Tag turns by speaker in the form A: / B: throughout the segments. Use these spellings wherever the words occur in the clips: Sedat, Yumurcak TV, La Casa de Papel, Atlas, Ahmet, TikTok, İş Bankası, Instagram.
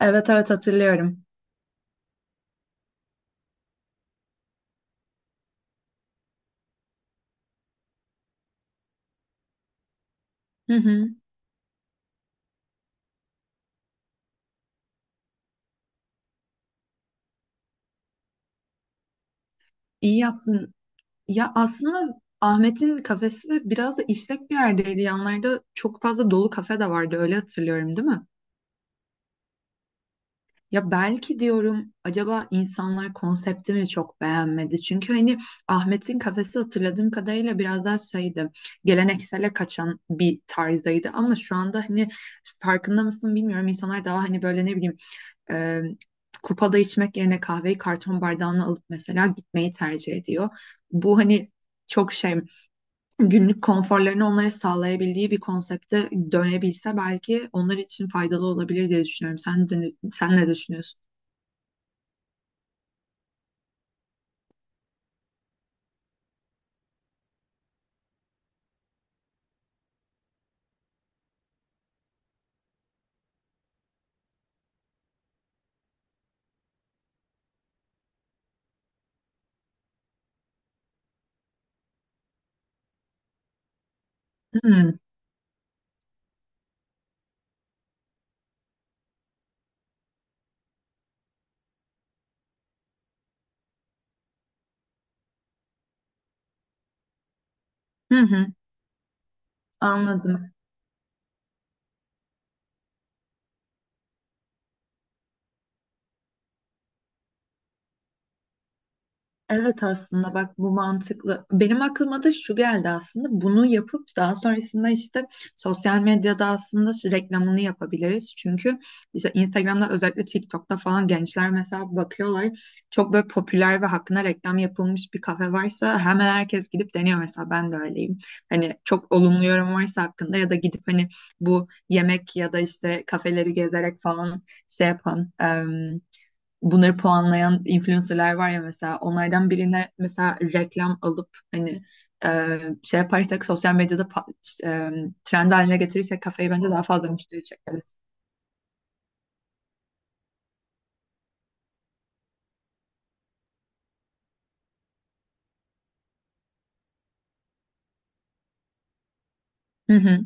A: Evet evet hatırlıyorum. Hı hı. İyi yaptın. Ya aslında Ahmet'in kafesi de biraz da işlek bir yerdeydi. Yanlarda çok fazla dolu kafe de vardı. Öyle hatırlıyorum, değil mi? Ya belki diyorum acaba insanlar konseptimi çok beğenmedi. Çünkü hani Ahmet'in kafesi hatırladığım kadarıyla biraz daha şeydi. Geleneksele kaçan bir tarzdaydı ama şu anda hani farkında mısın bilmiyorum. İnsanlar daha hani böyle ne bileyim e, kupada içmek yerine kahveyi karton bardağına alıp mesela gitmeyi tercih ediyor. Bu hani çok şey günlük konforlarını onlara sağlayabildiği bir konsepte dönebilse belki onlar için faydalı olabilir diye düşünüyorum. Sen ne düşünüyorsun? Hmm, hı hı, anladım. Evet aslında bak bu mantıklı. Benim aklıma da şu geldi aslında. Bunu yapıp daha sonrasında işte sosyal medyada aslında şu reklamını yapabiliriz. Çünkü işte Instagram'da özellikle TikTok'ta falan gençler mesela bakıyorlar. Çok böyle popüler ve hakkında reklam yapılmış bir kafe varsa hemen herkes gidip deniyor, mesela ben de öyleyim. Hani çok olumlu yorum varsa hakkında ya da gidip hani bu yemek ya da işte kafeleri gezerek falan şey yapan bunları puanlayan influencerlar var ya, mesela onlardan birine mesela reklam alıp hani şey yaparsak sosyal medyada trend haline getirirsek kafayı bence daha fazla müşteri çekeriz. Hı hı.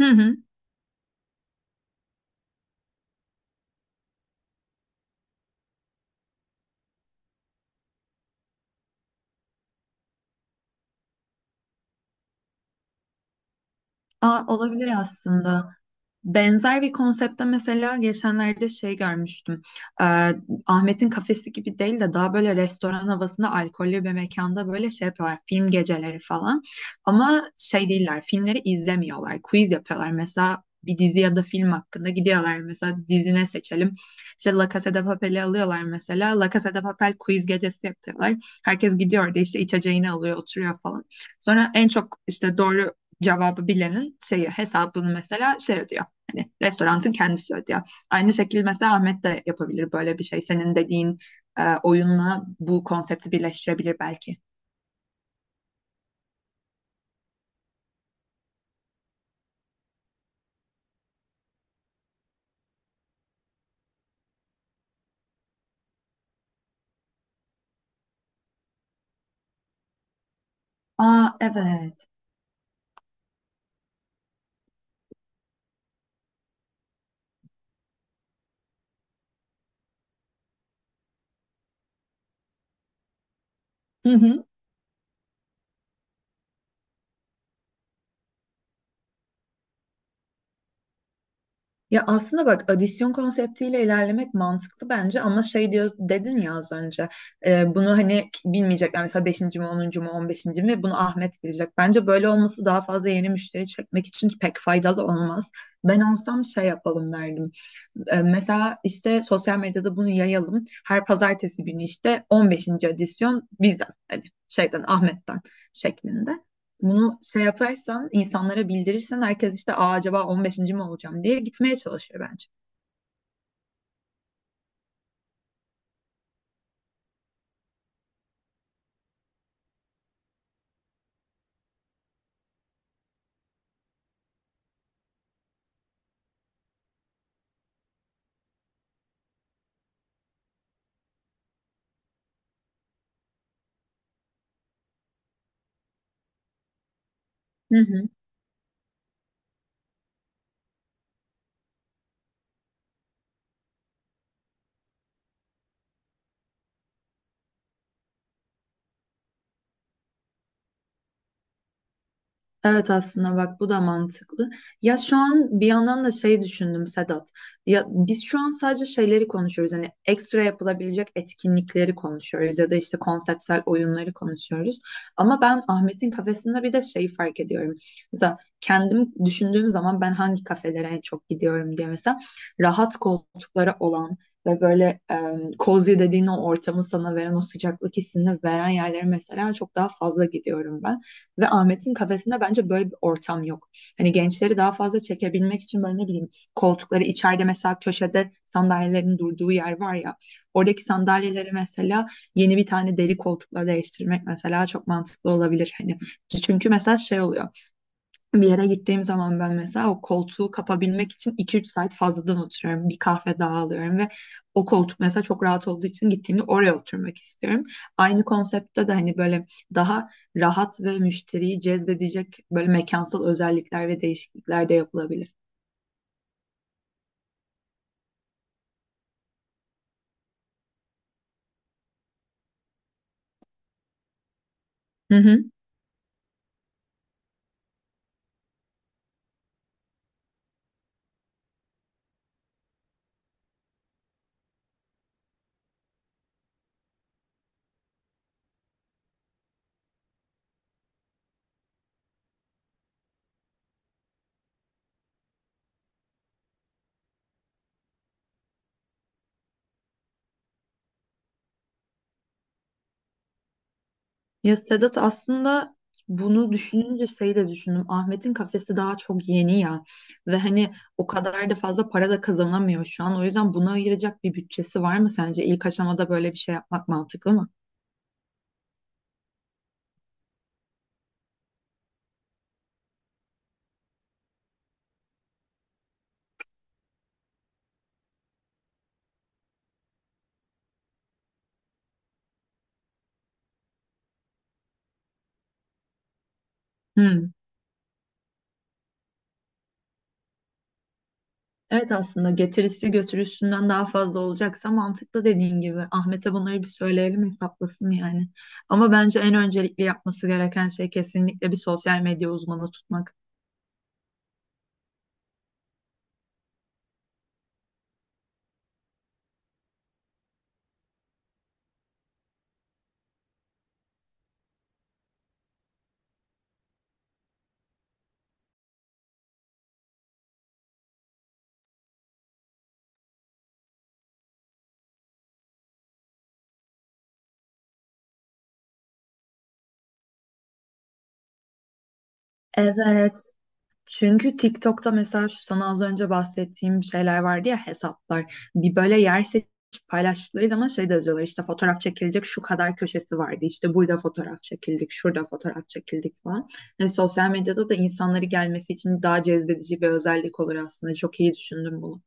A: Hı hı. Aa, olabilir aslında. Benzer bir konsepte mesela geçenlerde şey görmüştüm. Ee, Ahmet'in kafesi gibi değil de daha böyle restoran havasında alkollü bir mekanda böyle şey yapıyorlar. Film geceleri falan. Ama şey değiller. Filmleri izlemiyorlar. Quiz yapıyorlar. Mesela bir dizi ya da film hakkında gidiyorlar. Mesela dizine seçelim. İşte La Casa de Papel'i alıyorlar mesela. La Casa de Papel quiz gecesi yapıyorlar. Herkes gidiyor da işte içeceğini alıyor, oturuyor falan. Sonra en çok işte doğru cevabı bilenin şeyi, hesabını mesela şey ödüyor. Hani restoranın kendisi ödüyor. Aynı şekilde mesela Ahmet de yapabilir böyle bir şey. Senin dediğin oyunla bu konsepti birleştirebilir belki. Aa evet. Hı hı. Ya aslında bak adisyon konseptiyle ilerlemek mantıklı bence ama şey diyor dedin ya az önce, bunu hani bilmeyecekler mesela beşinci mi onuncu mu on beşinci mi bunu Ahmet bilecek. Bence böyle olması daha fazla yeni müşteri çekmek için pek faydalı olmaz. Ben olsam şey yapalım derdim. Mesela işte sosyal medyada bunu yayalım. Her pazartesi günü işte on beşinci adisyon bizden, hani şeyden Ahmet'ten şeklinde. Bunu şey yaparsan, insanlara bildirirsen herkes işte Aa, acaba on beşinci mi olacağım diye gitmeye çalışır bence. Hı hı. Evet aslında bak bu da mantıklı. Ya şu an bir yandan da şey düşündüm Sedat. Ya biz şu an sadece şeyleri konuşuyoruz. Hani ekstra yapılabilecek etkinlikleri konuşuyoruz ya da işte konseptsel oyunları konuşuyoruz. Ama ben Ahmet'in kafesinde bir de şeyi fark ediyorum. Mesela kendim düşündüğüm zaman ben hangi kafelere en çok gidiyorum diye, mesela rahat koltukları olan ve böyle cozy dediğin o ortamı sana veren, o sıcaklık hissini veren yerlere mesela çok daha fazla gidiyorum ben. Ve Ahmet'in kafesinde bence böyle bir ortam yok. Hani gençleri daha fazla çekebilmek için böyle ne bileyim, koltukları içeride mesela köşede sandalyelerin durduğu yer var ya. Oradaki sandalyeleri mesela yeni bir tane deri koltukla değiştirmek mesela çok mantıklı olabilir. Hani çünkü mesela şey oluyor. Bir yere gittiğim zaman ben mesela o koltuğu kapabilmek için iki üç saat fazladan oturuyorum. Bir kahve daha alıyorum ve o koltuk mesela çok rahat olduğu için gittiğimde oraya oturmak istiyorum. Aynı konseptte de hani böyle daha rahat ve müşteriyi cezbedecek böyle mekansal özellikler ve değişiklikler de yapılabilir. Hı hı. Ya Sedat aslında bunu düşününce şey de düşündüm. Ahmet'in kafesi daha çok yeni ya ve hani o kadar da fazla para da kazanamıyor şu an. O yüzden buna ayıracak bir bütçesi var mı sence? İlk aşamada böyle bir şey yapmak mantıklı mı? Hmm. Evet aslında getirisi götürüsünden daha fazla olacaksa mantıklı dediğin gibi. Ahmet'e bunları bir söyleyelim hesaplasın yani. Ama bence en öncelikli yapması gereken şey kesinlikle bir sosyal medya uzmanı tutmak. Evet. Çünkü TikTok'ta mesela şu sana az önce bahsettiğim şeyler vardı ya, hesaplar. Bir böyle yer seçip paylaştıkları zaman şey de yazıyorlar, işte fotoğraf çekilecek şu kadar köşesi vardı. İşte burada fotoğraf çekildik, şurada fotoğraf çekildik falan. Yani sosyal medyada da insanları gelmesi için daha cezbedici bir özellik olur aslında. Çok iyi düşündüm bunu.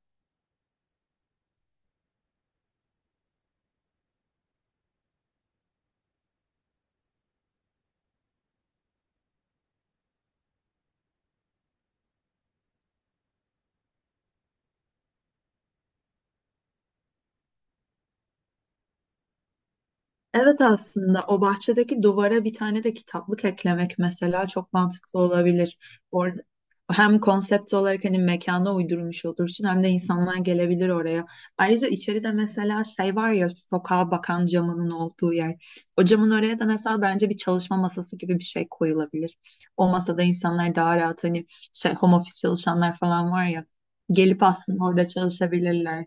A: Evet aslında o bahçedeki duvara bir tane de kitaplık eklemek mesela çok mantıklı olabilir. Orada hem konsept olarak hani mekana uydurmuş olursun hem de insanlar gelebilir oraya. Ayrıca içeride mesela şey var ya, sokağa bakan camının olduğu yer. O camın oraya da mesela bence bir çalışma masası gibi bir şey koyulabilir. O masada insanlar daha rahat hani şey, home office çalışanlar falan var ya, gelip aslında orada çalışabilirler.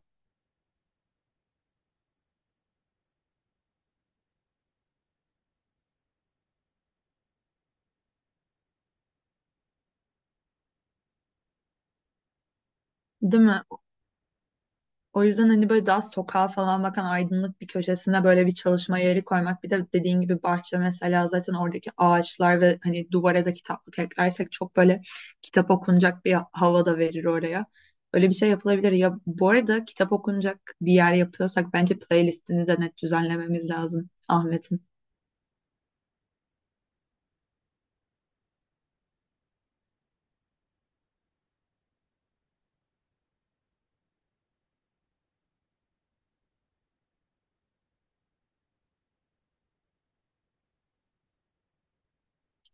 A: Değil mi? O yüzden hani böyle daha sokağa falan bakan aydınlık bir köşesine böyle bir çalışma yeri koymak. Bir de dediğin gibi bahçe mesela, zaten oradaki ağaçlar ve hani duvara da kitaplık eklersek çok böyle kitap okunacak bir hava da verir oraya. Öyle bir şey yapılabilir. Ya bu arada kitap okunacak bir yer yapıyorsak bence playlistini de net düzenlememiz lazım Ahmet'in.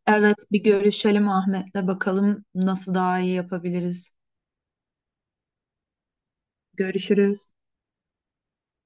A: Evet bir görüşelim Ahmet'le bakalım nasıl daha iyi yapabiliriz. Görüşürüz.